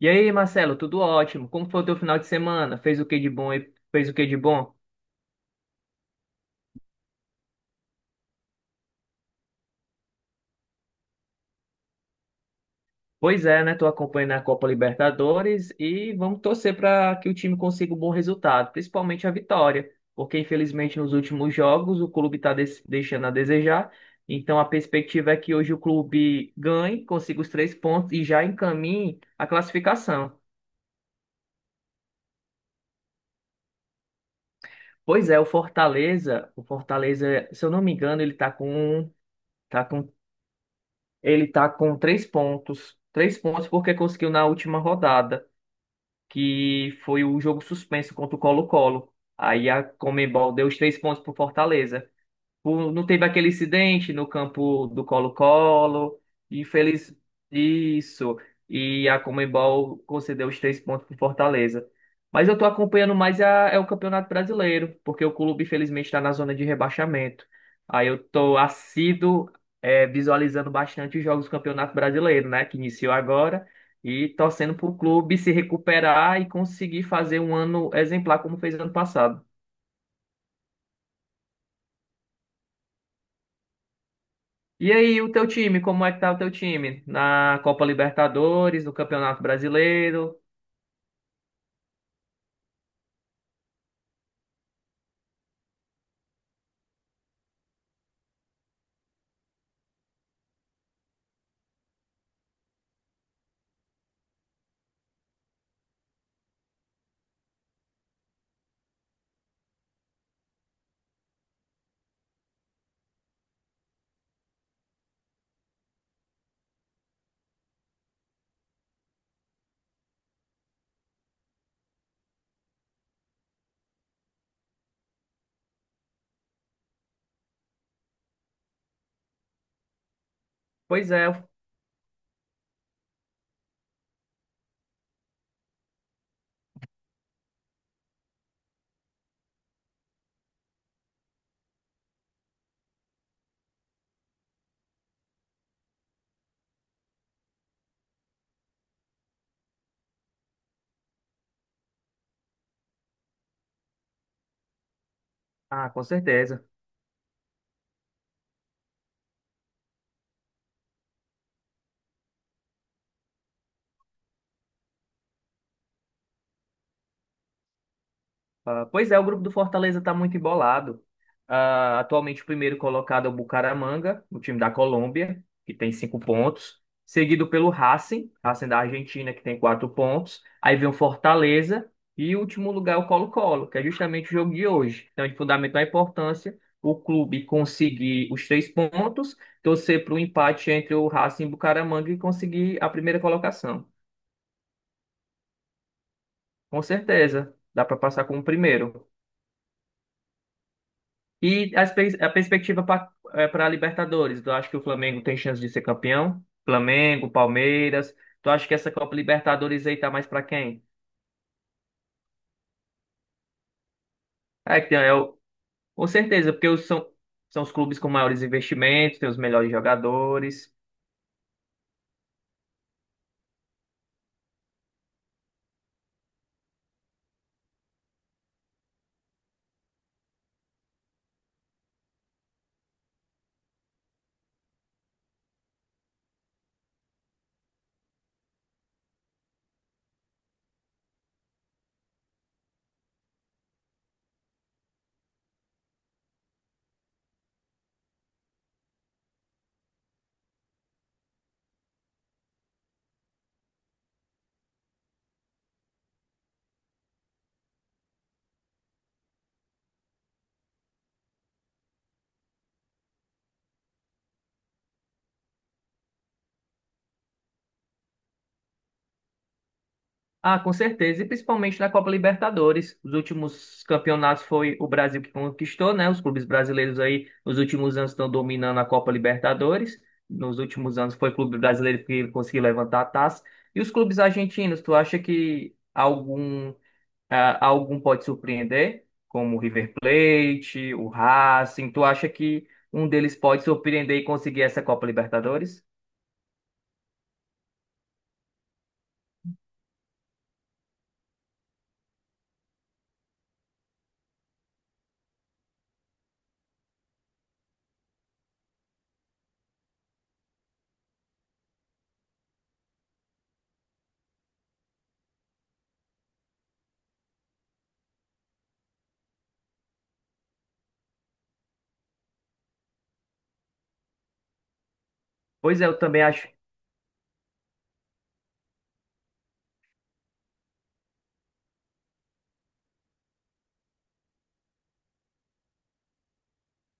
E aí, Marcelo, tudo ótimo? Como foi o teu final de semana? Fez o que de bom e fez o que de bom? Pois é, né? Tô acompanhando a Copa Libertadores e vamos torcer para que o time consiga um bom resultado, principalmente a vitória, porque infelizmente nos últimos jogos o clube está deixando a desejar. Então a perspectiva é que hoje o clube ganhe, consiga os três pontos e já encaminhe a classificação. Pois é, o Fortaleza, se eu não me engano, ele está com, tá com Ele tá com três pontos. Três pontos porque conseguiu na última rodada, que foi o jogo suspenso contra o Colo-Colo. Aí a Conmebol deu os três pontos pro Fortaleza. Não teve aquele incidente no campo do Colo-Colo. Infeliz... Isso. E a Conmebol concedeu os três pontos para Fortaleza. Mas eu estou acompanhando mais a, é o Campeonato Brasileiro, porque o clube, infelizmente, está na zona de rebaixamento. Aí eu estou assíduo, visualizando bastante os jogos do Campeonato Brasileiro, né? Que iniciou agora. E torcendo para o clube se recuperar e conseguir fazer um ano exemplar como fez ano passado. E aí, o teu time, como é que tá o teu time? Na Copa Libertadores, no Campeonato Brasileiro? Pois é, ah, com certeza. Ah, pois é, o grupo do Fortaleza está muito embolado. Ah, atualmente o primeiro colocado é o Bucaramanga, o time da Colômbia, que tem cinco pontos, seguido pelo Racing, Racing da Argentina, que tem quatro pontos. Aí vem o Fortaleza e o último lugar é o Colo-Colo, que é justamente o jogo de hoje. Então, de fundamental importância o clube conseguir os três pontos, torcer para o empate entre o Racing e o Bucaramanga e conseguir a primeira colocação. Com certeza, dá para passar como primeiro. E a perspectiva para a Libertadores? Tu acha que o Flamengo tem chance de ser campeão? Flamengo, Palmeiras. Tu acha que essa Copa Libertadores aí tá mais para quem? É que tem, é, o- Com certeza, porque são os clubes com maiores investimentos, tem os melhores jogadores. Ah, com certeza, e principalmente na Copa Libertadores. Os últimos campeonatos foi o Brasil que conquistou, né? Os clubes brasileiros aí, nos últimos anos estão dominando a Copa Libertadores. Nos últimos anos foi o clube brasileiro que conseguiu levantar a taça. E os clubes argentinos, tu acha que algum pode surpreender? Como o River Plate, o Racing, tu acha que um deles pode surpreender e conseguir essa Copa Libertadores? Pois é, eu também acho.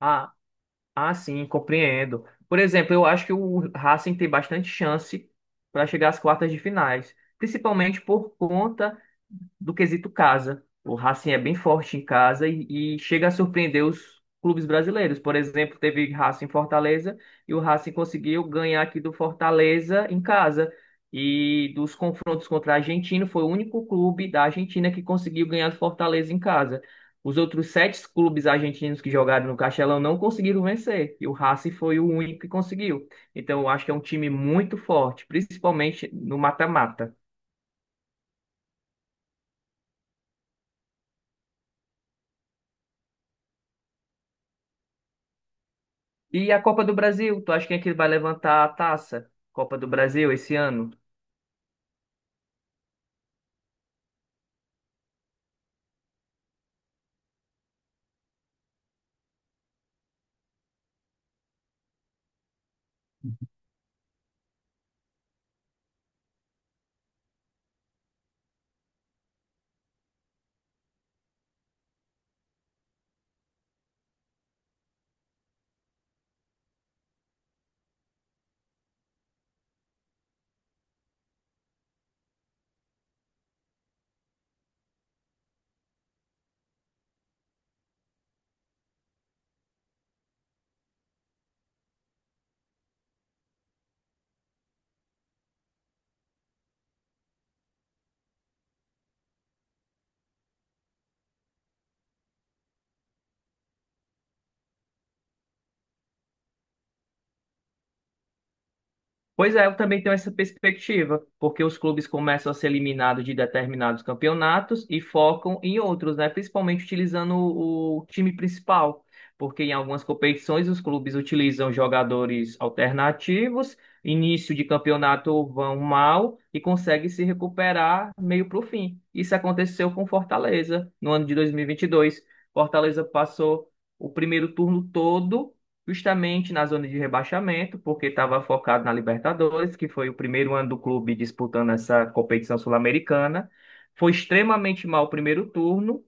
ah, Ah, sim, compreendo. Por exemplo, eu acho que o Racing tem bastante chance para chegar às quartas de finais, principalmente por conta do quesito casa. O Racing é bem forte em casa e chega a surpreender os clubes brasileiros. Por exemplo, teve Racing e Fortaleza e o Racing conseguiu ganhar aqui do Fortaleza em casa. E dos confrontos contra a Argentina, foi o único clube da Argentina que conseguiu ganhar do Fortaleza em casa. Os outros sete clubes argentinos que jogaram no Castelão não conseguiram vencer, e o Racing foi o único que conseguiu. Então, eu acho que é um time muito forte, principalmente no mata-mata. E a Copa do Brasil, tu acha quem é que vai levantar a taça? Copa do Brasil esse ano? Pois é, eu também tenho essa perspectiva, porque os clubes começam a ser eliminados de determinados campeonatos e focam em outros, né? Principalmente utilizando o time principal, porque em algumas competições os clubes utilizam jogadores alternativos, início de campeonato vão mal e conseguem se recuperar meio para o fim. Isso aconteceu com Fortaleza no ano de 2022. Fortaleza passou o primeiro turno todo justamente na zona de rebaixamento, porque estava focado na Libertadores, que foi o primeiro ano do clube disputando essa competição sul-americana. Foi extremamente mal o primeiro turno,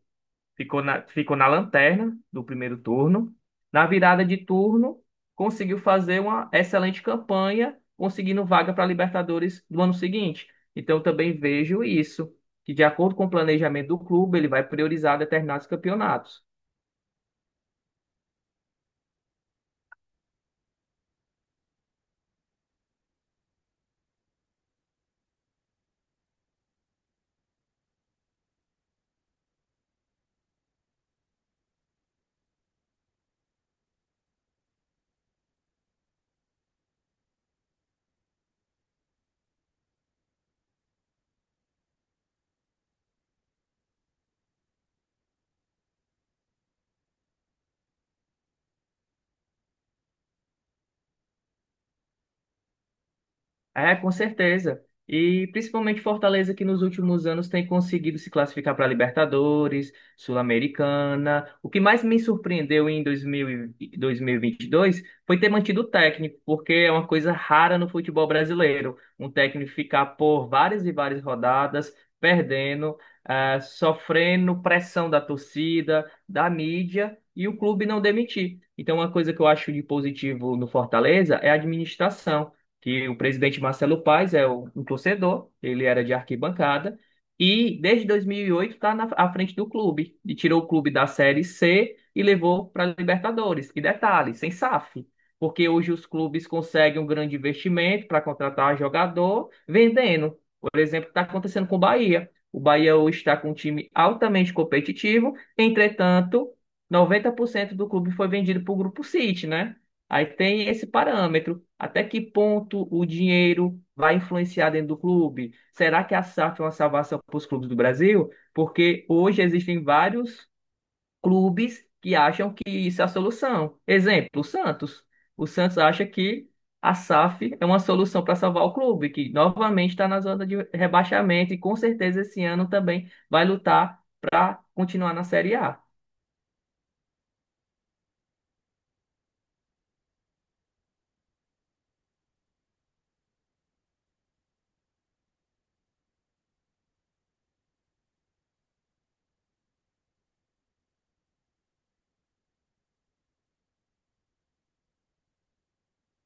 ficou na lanterna do primeiro turno. Na virada de turno, conseguiu fazer uma excelente campanha, conseguindo vaga para a Libertadores do ano seguinte. Então, eu também vejo isso, que de acordo com o planejamento do clube, ele vai priorizar determinados campeonatos. É, com certeza. E principalmente Fortaleza, que nos últimos anos tem conseguido se classificar para Libertadores, Sul-Americana. O que mais me surpreendeu em dois mil e vinte e dois foi ter mantido o técnico, porque é uma coisa rara no futebol brasileiro. Um técnico ficar por várias e várias rodadas perdendo, sofrendo pressão da torcida, da mídia e o clube não demitir. Então, uma coisa que eu acho de positivo no Fortaleza é a administração que o presidente Marcelo Paes é um torcedor, ele era de arquibancada, e desde 2008 está à frente do clube, e tirou o clube da Série C e levou para a Libertadores. E detalhe, sem SAF, porque hoje os clubes conseguem um grande investimento para contratar jogador vendendo. Por exemplo, está acontecendo com o Bahia. O Bahia hoje está com um time altamente competitivo, entretanto, 90% do clube foi vendido para o Grupo City, né? Aí tem esse parâmetro. Até que ponto o dinheiro vai influenciar dentro do clube? Será que a SAF é uma salvação para os clubes do Brasil? Porque hoje existem vários clubes que acham que isso é a solução. Exemplo, o Santos. O Santos acha que a SAF é uma solução para salvar o clube, que novamente está na zona de rebaixamento e com certeza esse ano também vai lutar para continuar na Série A.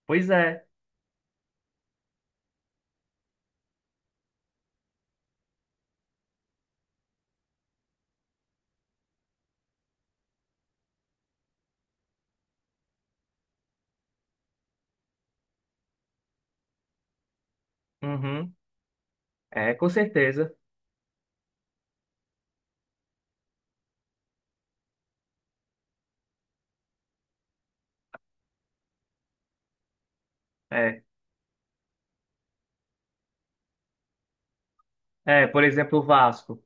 Pois é. Uhum. É, com certeza. É. É, por exemplo, o Vasco.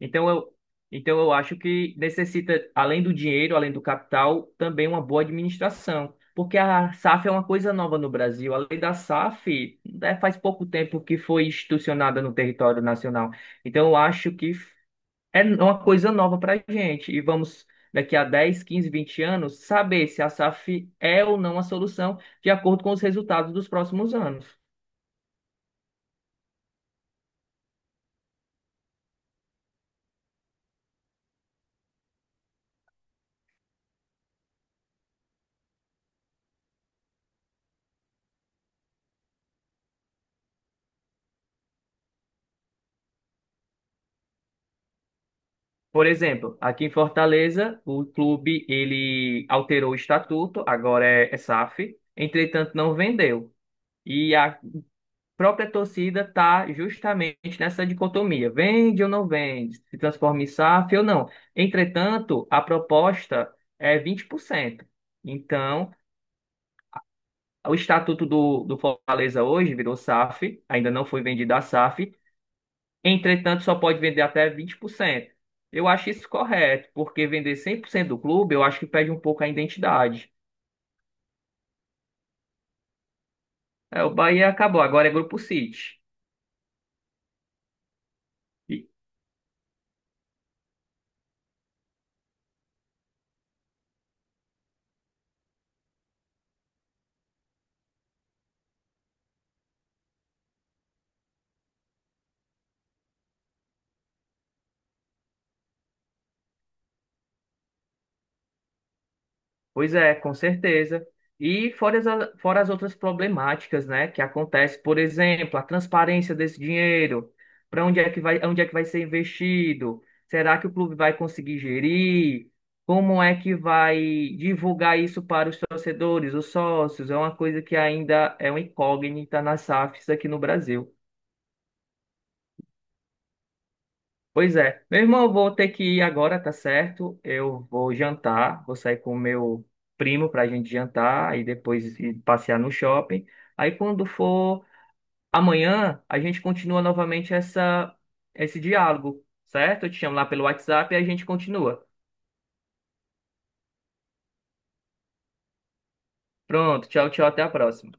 Então eu, então eu acho que necessita, além do dinheiro, além do capital, também uma boa administração. Porque a SAF é uma coisa nova no Brasil. A lei da SAF faz pouco tempo que foi institucionada no território nacional. Então eu acho que é uma coisa nova para a gente. E vamos, daqui a 10, 15, 20 anos, saber se a SAF é ou não a solução, de acordo com os resultados dos próximos anos. Por exemplo, aqui em Fortaleza, o clube ele alterou o estatuto, agora é SAF, entretanto não vendeu. E a própria torcida está justamente nessa dicotomia, vende ou não vende, se transforma em SAF ou não. Entretanto, a proposta é 20%. Então, o estatuto do Fortaleza hoje virou SAF, ainda não foi vendido a SAF. Entretanto, só pode vender até 20%. Eu acho isso correto, porque vender 100% do clube, eu acho que perde um pouco a identidade. É, o Bahia acabou, agora é Grupo City. Pois é, com certeza. E fora as outras problemáticas, né, que acontece, por exemplo, a transparência desse dinheiro, para onde é que vai, onde é que vai ser investido? Será que o clube vai conseguir gerir? Como é que vai divulgar isso para os torcedores, os sócios? É uma coisa que ainda é uma incógnita nas SAFs aqui no Brasil. Pois é. Meu irmão, eu vou ter que ir agora, tá certo? Eu vou jantar, vou sair com o meu primo pra gente jantar e depois ir passear no shopping. Aí quando for amanhã, a gente continua novamente essa esse diálogo, certo? Eu te chamo lá pelo WhatsApp e a gente continua. Pronto, tchau, tchau, até a próxima.